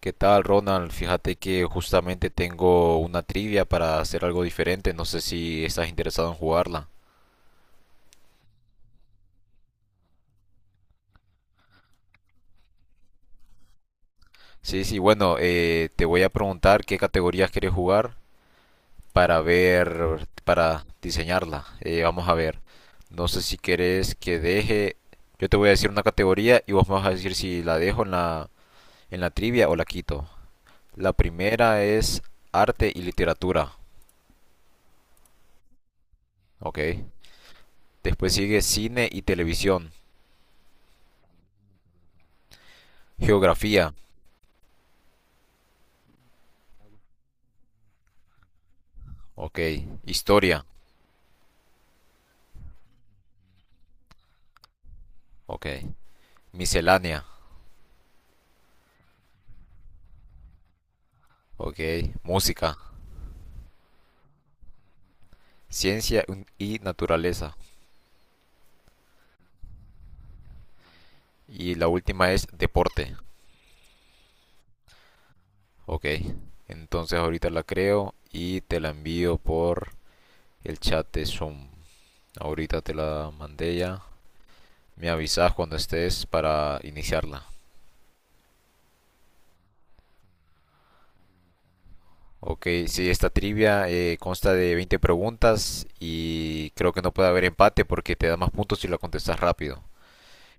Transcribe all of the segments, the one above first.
¿Qué tal, Ronald? Fíjate que justamente tengo una trivia para hacer algo diferente. No sé si estás interesado en jugarla. Sí, sí, bueno, te voy a preguntar qué categorías quieres jugar para ver, para diseñarla. Vamos a ver. No sé si querés que deje. Yo te voy a decir una categoría y vos me vas a decir si la dejo en la trivia o la quito. La primera es arte y literatura, ¿ok? Después sigue cine y televisión, geografía. Ok. Historia. Ok. Miscelánea. Ok. Música. Ciencia y naturaleza. Y la última es deporte. Ok. Entonces ahorita la creo y te la envío por el chat de Zoom. Ahorita te la mandé ya. Me avisas cuando estés para iniciarla. Ok, sí, esta trivia consta de 20 preguntas y creo que no puede haber empate porque te da más puntos si la contestas rápido.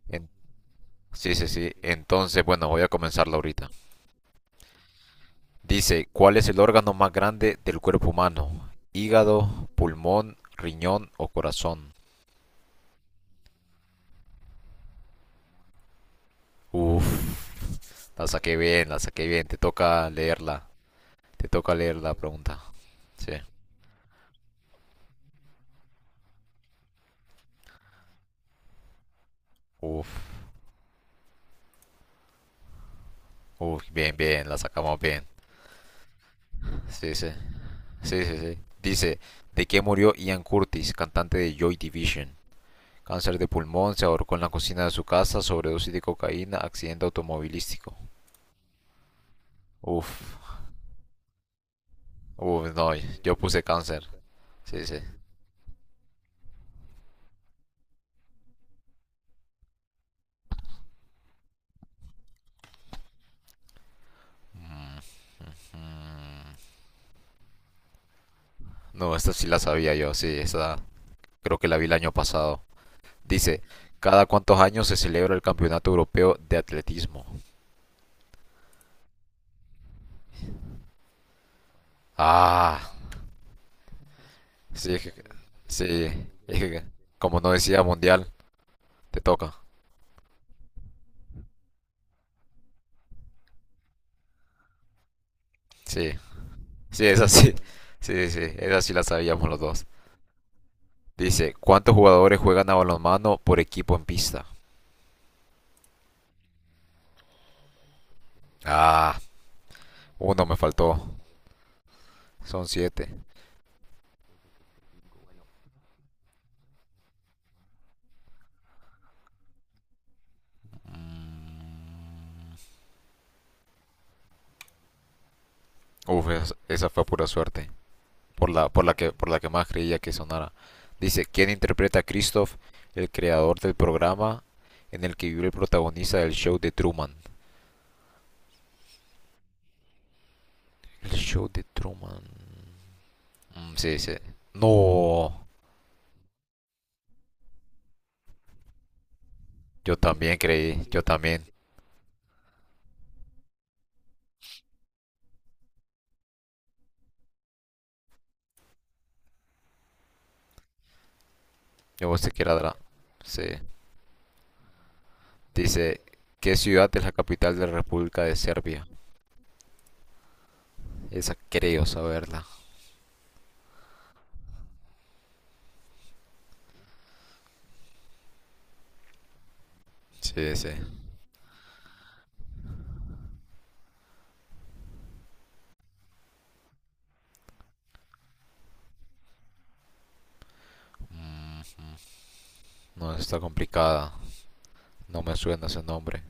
En- Sí, sí, sí. Entonces, bueno, voy a comenzarlo ahorita. Dice, ¿cuál es el órgano más grande del cuerpo humano? ¿Hígado, pulmón, riñón o corazón? Uf, la saqué bien, la saqué bien. Te toca leerla. Te toca leer la pregunta. Sí. Uf, uf, bien, bien, la sacamos bien. Sí, sí, sí, sí, sí. Dice, ¿de qué murió Ian Curtis, cantante de Joy Division? Cáncer de pulmón, se ahorcó en la cocina de su casa, sobredosis de cocaína, accidente automovilístico. Uf, uf, no, yo puse cáncer. Sí, sí. No, esta sí la sabía yo, sí, esta creo que la vi el año pasado. Dice, ¿cada cuántos años se celebra el Campeonato Europeo de Atletismo? Ah, sí, sí, es que como no decía mundial, te toca. Sí, sí, esa sí, sí, sí, esa sí la sabíamos los dos. Dice, ¿cuántos jugadores juegan a balonmano por equipo en pista? Ah, uno me faltó, son siete. Mm, uf, esa fue pura suerte, por por la que más creía que sonara. Dice, ¿quién interpreta a Christoph, el creador del programa en el que vive el protagonista del show de Truman? El show de Truman. Mm, sí, sí. No, yo también creí, yo también. Yo pensé que era dra-. Sí. Dice, ¿qué ciudad es la capital de la República de Serbia? Esa creo saberla. Sí, sí. Mm, no, está complicada. No me suena ese nombre.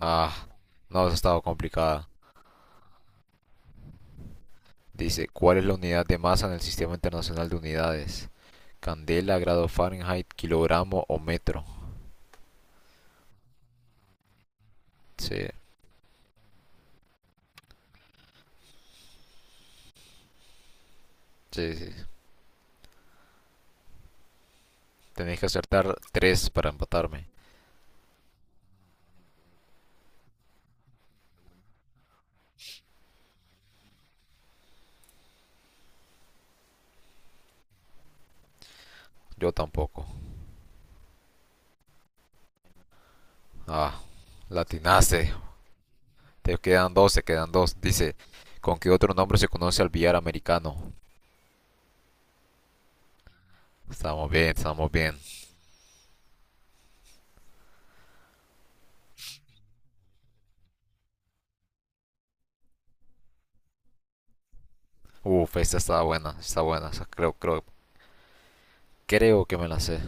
Ah, no, eso ha estado complicada. Dice, ¿cuál es la unidad de masa en el Sistema Internacional de Unidades? Candela, grado Fahrenheit, kilogramo o metro. Sí, sí, sí. Tenéis que acertar tres para empatarme. Yo tampoco. Ah, la latinaste. Te quedan dos, te quedan dos. Dice, ¿con qué otro nombre se conoce al billar americano? Estamos bien, estamos bien. Uf, esta está buena, está buena. Creo, creo, creo que me la sé.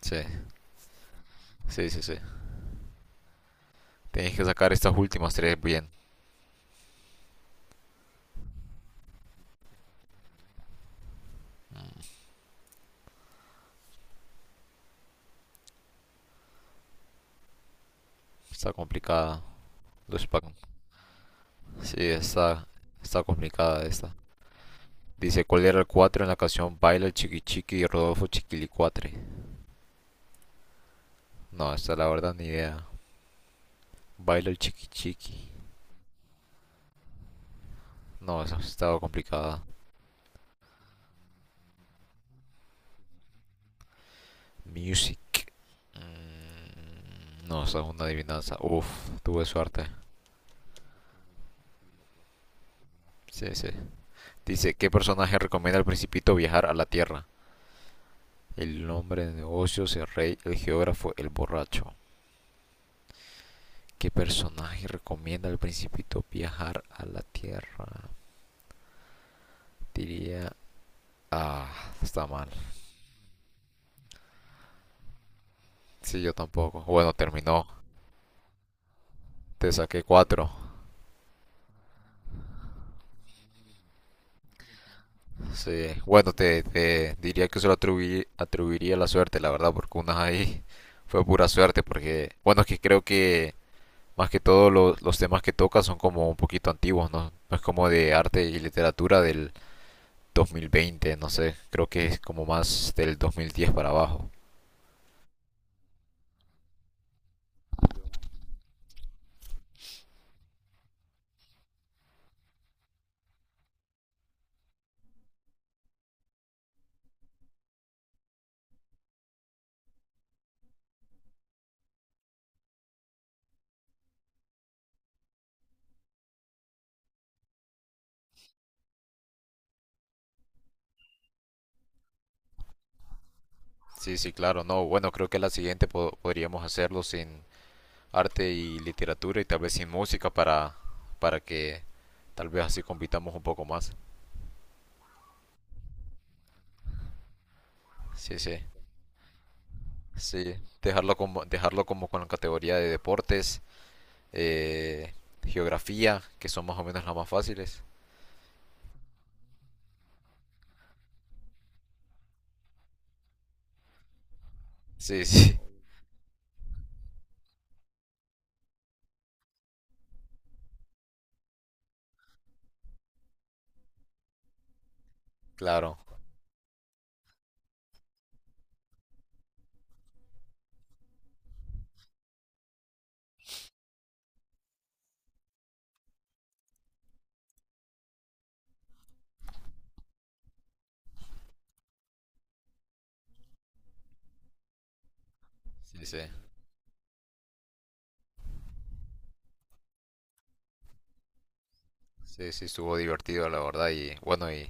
Sí, sí, sí, sí. Tenéis que sacar estas últimas tres bien. Está complicada. Los pack. Sí, está, está complicada esta. Dice, ¿cuál era el 4 en la canción Baila el Chiqui Chiqui y Rodolfo Chiquilicuatre? No, esta la verdad ni idea. Baila el Chiqui Chiqui. No, esa estaba complicada. Music. Mm, no, esa es una adivinanza. Uf, tuve suerte. Sí, sí. Dice, ¿qué personaje recomienda al principito viajar a la Tierra? El hombre de negocios, el rey, el geógrafo, el borracho. ¿Qué personaje recomienda al principito viajar a la Tierra? Diría... Ah, está mal. Sí, yo tampoco. Bueno, terminó. Te saqué cuatro. Sí. Bueno, te diría que se lo atribuiría la suerte, la verdad, porque unas ahí fue pura suerte, porque... Bueno, es que creo que más que todo los temas que toca son como un poquito antiguos, ¿no? No es como de arte y literatura del 2020, no sé. Creo que es como más del 2010 para abajo. Sí, sí, claro. No, bueno, creo que la siguiente podríamos hacerlo sin arte y literatura y tal vez sin música para que tal vez así compitamos un poco más. Sí, sí. Sí, dejarlo como con la categoría de deportes, eh, geografía, que son más o menos las más fáciles. Sí, sí, claro. Sí, sí. Sí, sí, estuvo divertido, la verdad. Y bueno, y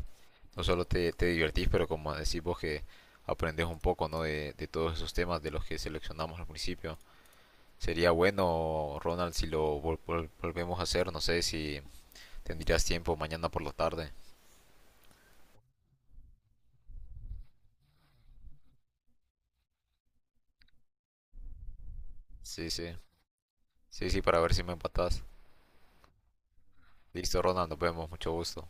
no solo te divertís, pero como decís vos que aprendes un poco, ¿no? De todos esos temas de los que seleccionamos al principio. Sería bueno, Ronald, si lo volvemos a hacer. No sé si tendrías tiempo mañana por la tarde. Sí, sí. Sí, sí, para ver si me empatás. Listo, Ronald, nos vemos. Mucho gusto.